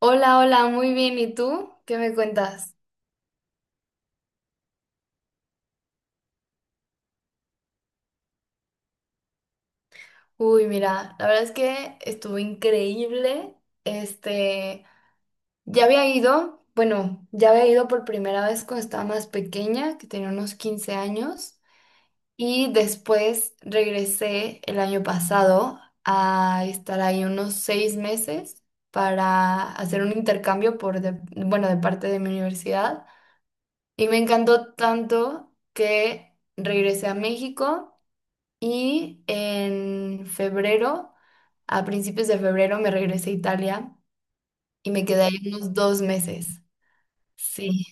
Hola, hola, muy bien. ¿Y tú? ¿Qué me cuentas? Uy, mira, la verdad es que estuvo increíble. Este, ya había ido por primera vez cuando estaba más pequeña, que tenía unos 15 años, y después regresé el año pasado a estar ahí unos 6 meses para hacer un intercambio bueno, de parte de mi universidad. Y me encantó tanto que regresé a México. Y en febrero, a principios de febrero, me regresé a Italia y me quedé ahí unos 2 meses. Sí,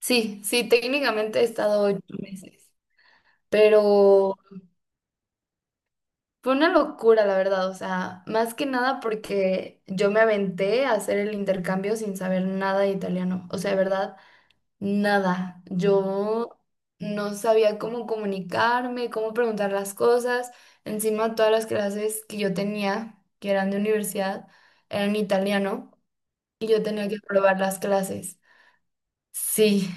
sí, sí, técnicamente he estado 8 meses, pero fue una locura, la verdad. O sea, más que nada porque yo me aventé a hacer el intercambio sin saber nada de italiano. O sea, de verdad, nada, yo no sabía cómo comunicarme, cómo preguntar las cosas. Encima, todas las clases que yo tenía, que eran de universidad, eran italiano y yo tenía que probar las clases. Sí,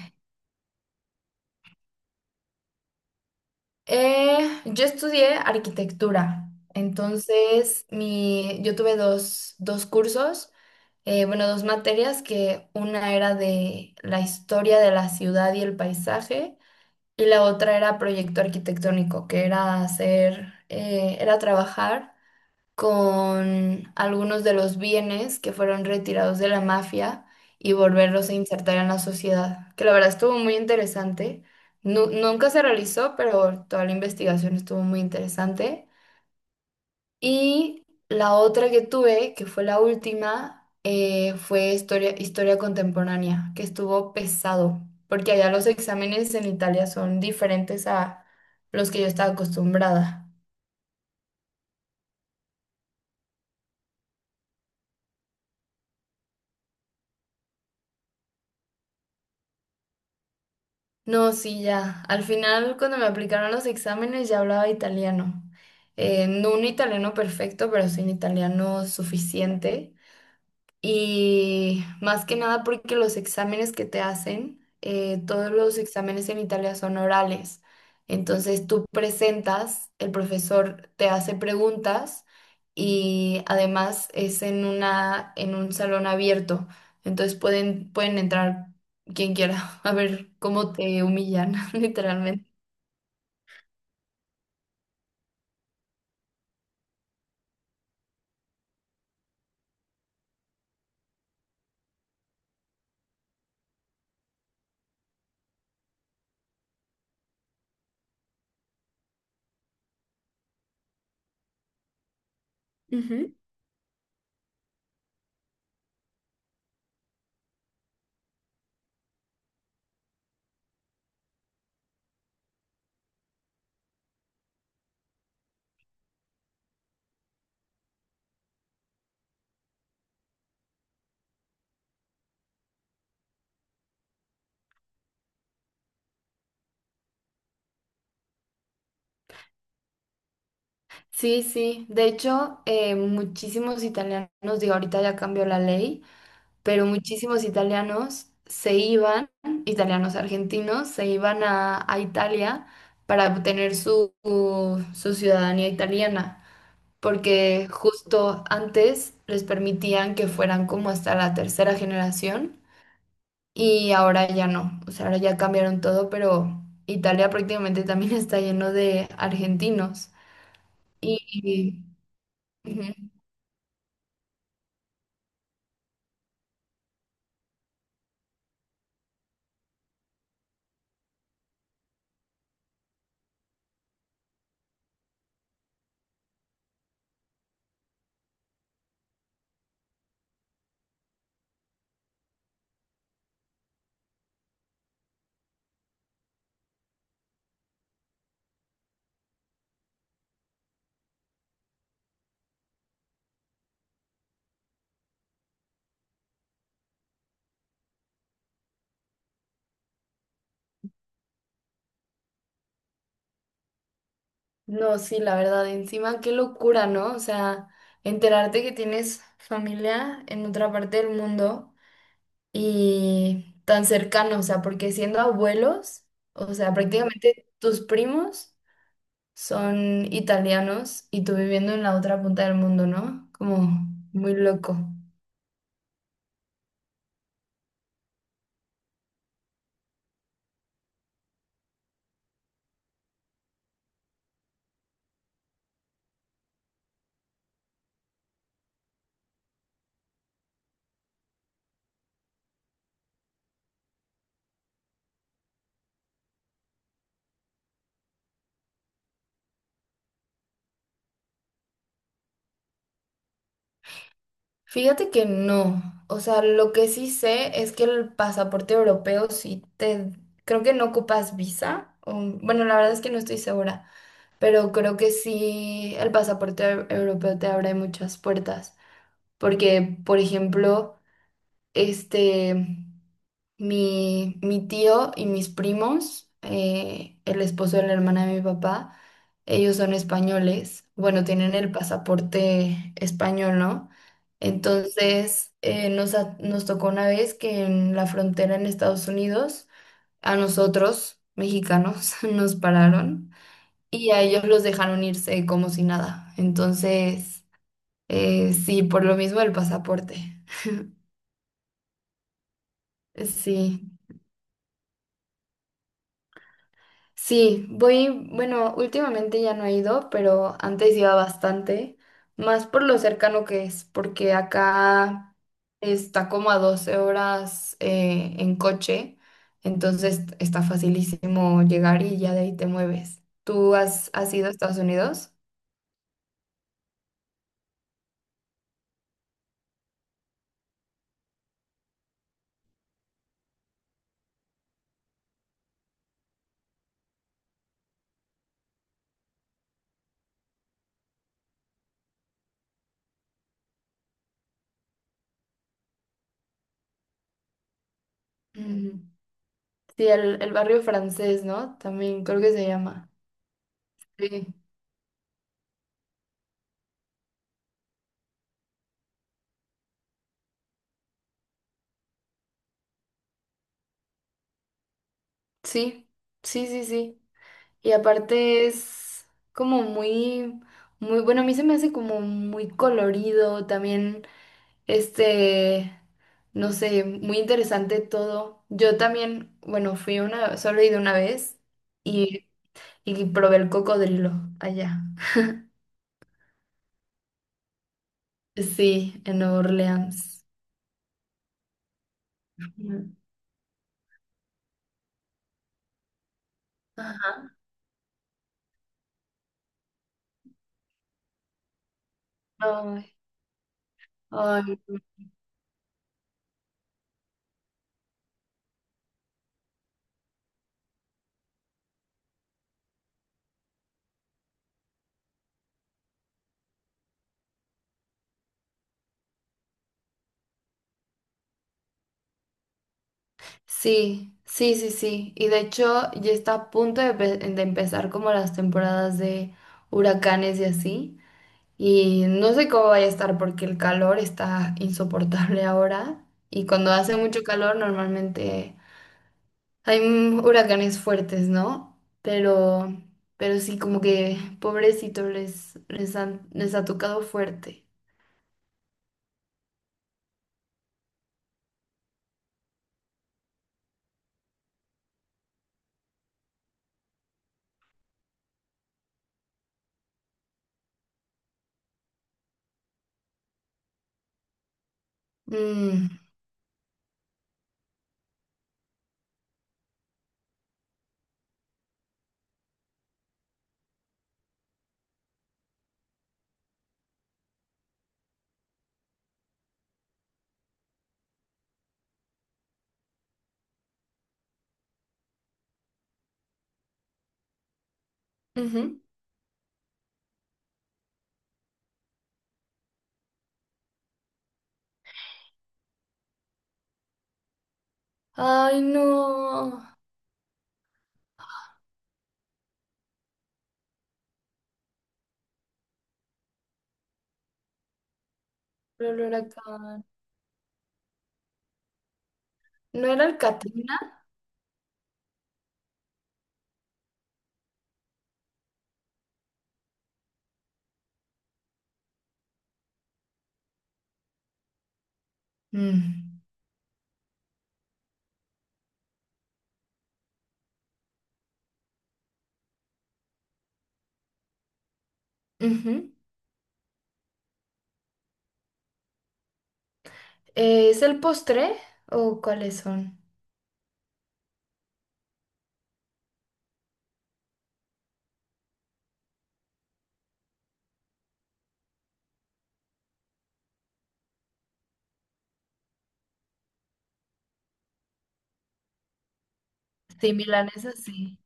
eh, yo estudié arquitectura, entonces yo tuve dos cursos, bueno, dos materias, que una era de la historia de la ciudad y el paisaje, y la otra era proyecto arquitectónico, que era hacer, era trabajar con algunos de los bienes que fueron retirados de la mafia y volverlos a insertar en la sociedad, que la verdad estuvo muy interesante. Nunca se realizó, pero toda la investigación estuvo muy interesante. Y la otra que tuve, que fue la última, fue historia contemporánea, que estuvo pesado, porque allá los exámenes en Italia son diferentes a los que yo estaba acostumbrada. No, sí, ya. Al final, cuando me aplicaron los exámenes, ya hablaba italiano. No un italiano perfecto, pero sí un italiano suficiente. Y más que nada porque los exámenes que te hacen, todos los exámenes en Italia son orales. Entonces tú presentas, el profesor te hace preguntas y además es en una, en un salón abierto. Entonces pueden entrar quien quiera a ver cómo te humillan, literalmente. Ujú. Sí, sí. De hecho, muchísimos italianos, digo, ahorita ya cambió la ley, pero muchísimos italianos se iban, italianos argentinos, se iban a Italia para obtener su ciudadanía italiana, porque justo antes les permitían que fueran como hasta la tercera generación y ahora ya no, o sea, ahora ya cambiaron todo, pero Italia prácticamente también está lleno de argentinos. Y, y- ujú. No, sí, la verdad, encima qué locura, ¿no? O sea, enterarte que tienes familia en otra parte del mundo y tan cercano, o sea, porque siendo abuelos, o sea, prácticamente tus primos son italianos y tú viviendo en la otra punta del mundo, ¿no? Como muy loco. Fíjate que no, o sea, lo que sí sé es que el pasaporte europeo sí te, creo que no ocupas visa, o, bueno, la verdad es que no estoy segura, pero creo que sí el pasaporte europeo te abre muchas puertas, porque, por ejemplo, este, mi tío y mis primos, el esposo de la hermana de mi papá, ellos son españoles, bueno, tienen el pasaporte español, ¿no? Entonces, nos tocó una vez que en la frontera en Estados Unidos, a nosotros, mexicanos, nos pararon y a ellos los dejaron irse como si nada. Entonces, sí, por lo mismo el pasaporte. Sí, sí, voy, bueno, últimamente ya no he ido, pero antes iba bastante, más por lo cercano que es, porque acá está como a 12 horas en coche, entonces está facilísimo llegar y ya de ahí te mueves. ¿Tú has ido a Estados Unidos? Ujú. Sí, el barrio francés, ¿no? También creo que se llama. Sí, sí, sí, sí, sí. Y aparte es como muy, muy, bueno, a mí se me hace como muy colorido también, este, no sé, muy interesante todo. Yo también, bueno, fui una, solo he ido una vez y, y probé el cocodrilo allá. Sí, en Nueva Orleans. Ujú. Ajá. Ay, ay, no. Sí, sí, sí, sí. Y de hecho ya está a punto de empezar como las temporadas de huracanes y así. Y no sé cómo vaya a estar porque el calor está insoportable ahora. Y cuando hace mucho calor normalmente hay huracanes fuertes, ¿no? Pero sí, como que pobrecito les ha tocado fuerte. Mm, ujú. Ay, no. Pero el huracán. ¿No era el Katrina? Mm. Ujú. ¿Es el postre o cuáles son? Sí, milanesas, sí.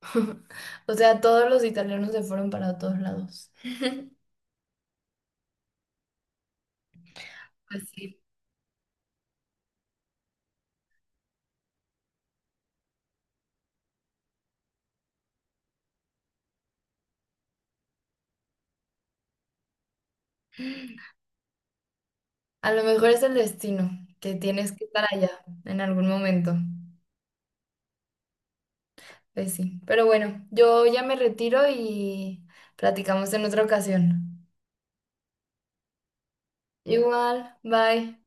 O sea, todos los italianos se fueron para todos lados. Pues sí. A lo mejor es el destino, que tienes que estar allá en algún momento. Pues sí. Pero bueno, yo ya me retiro y platicamos en otra ocasión. Igual, bye.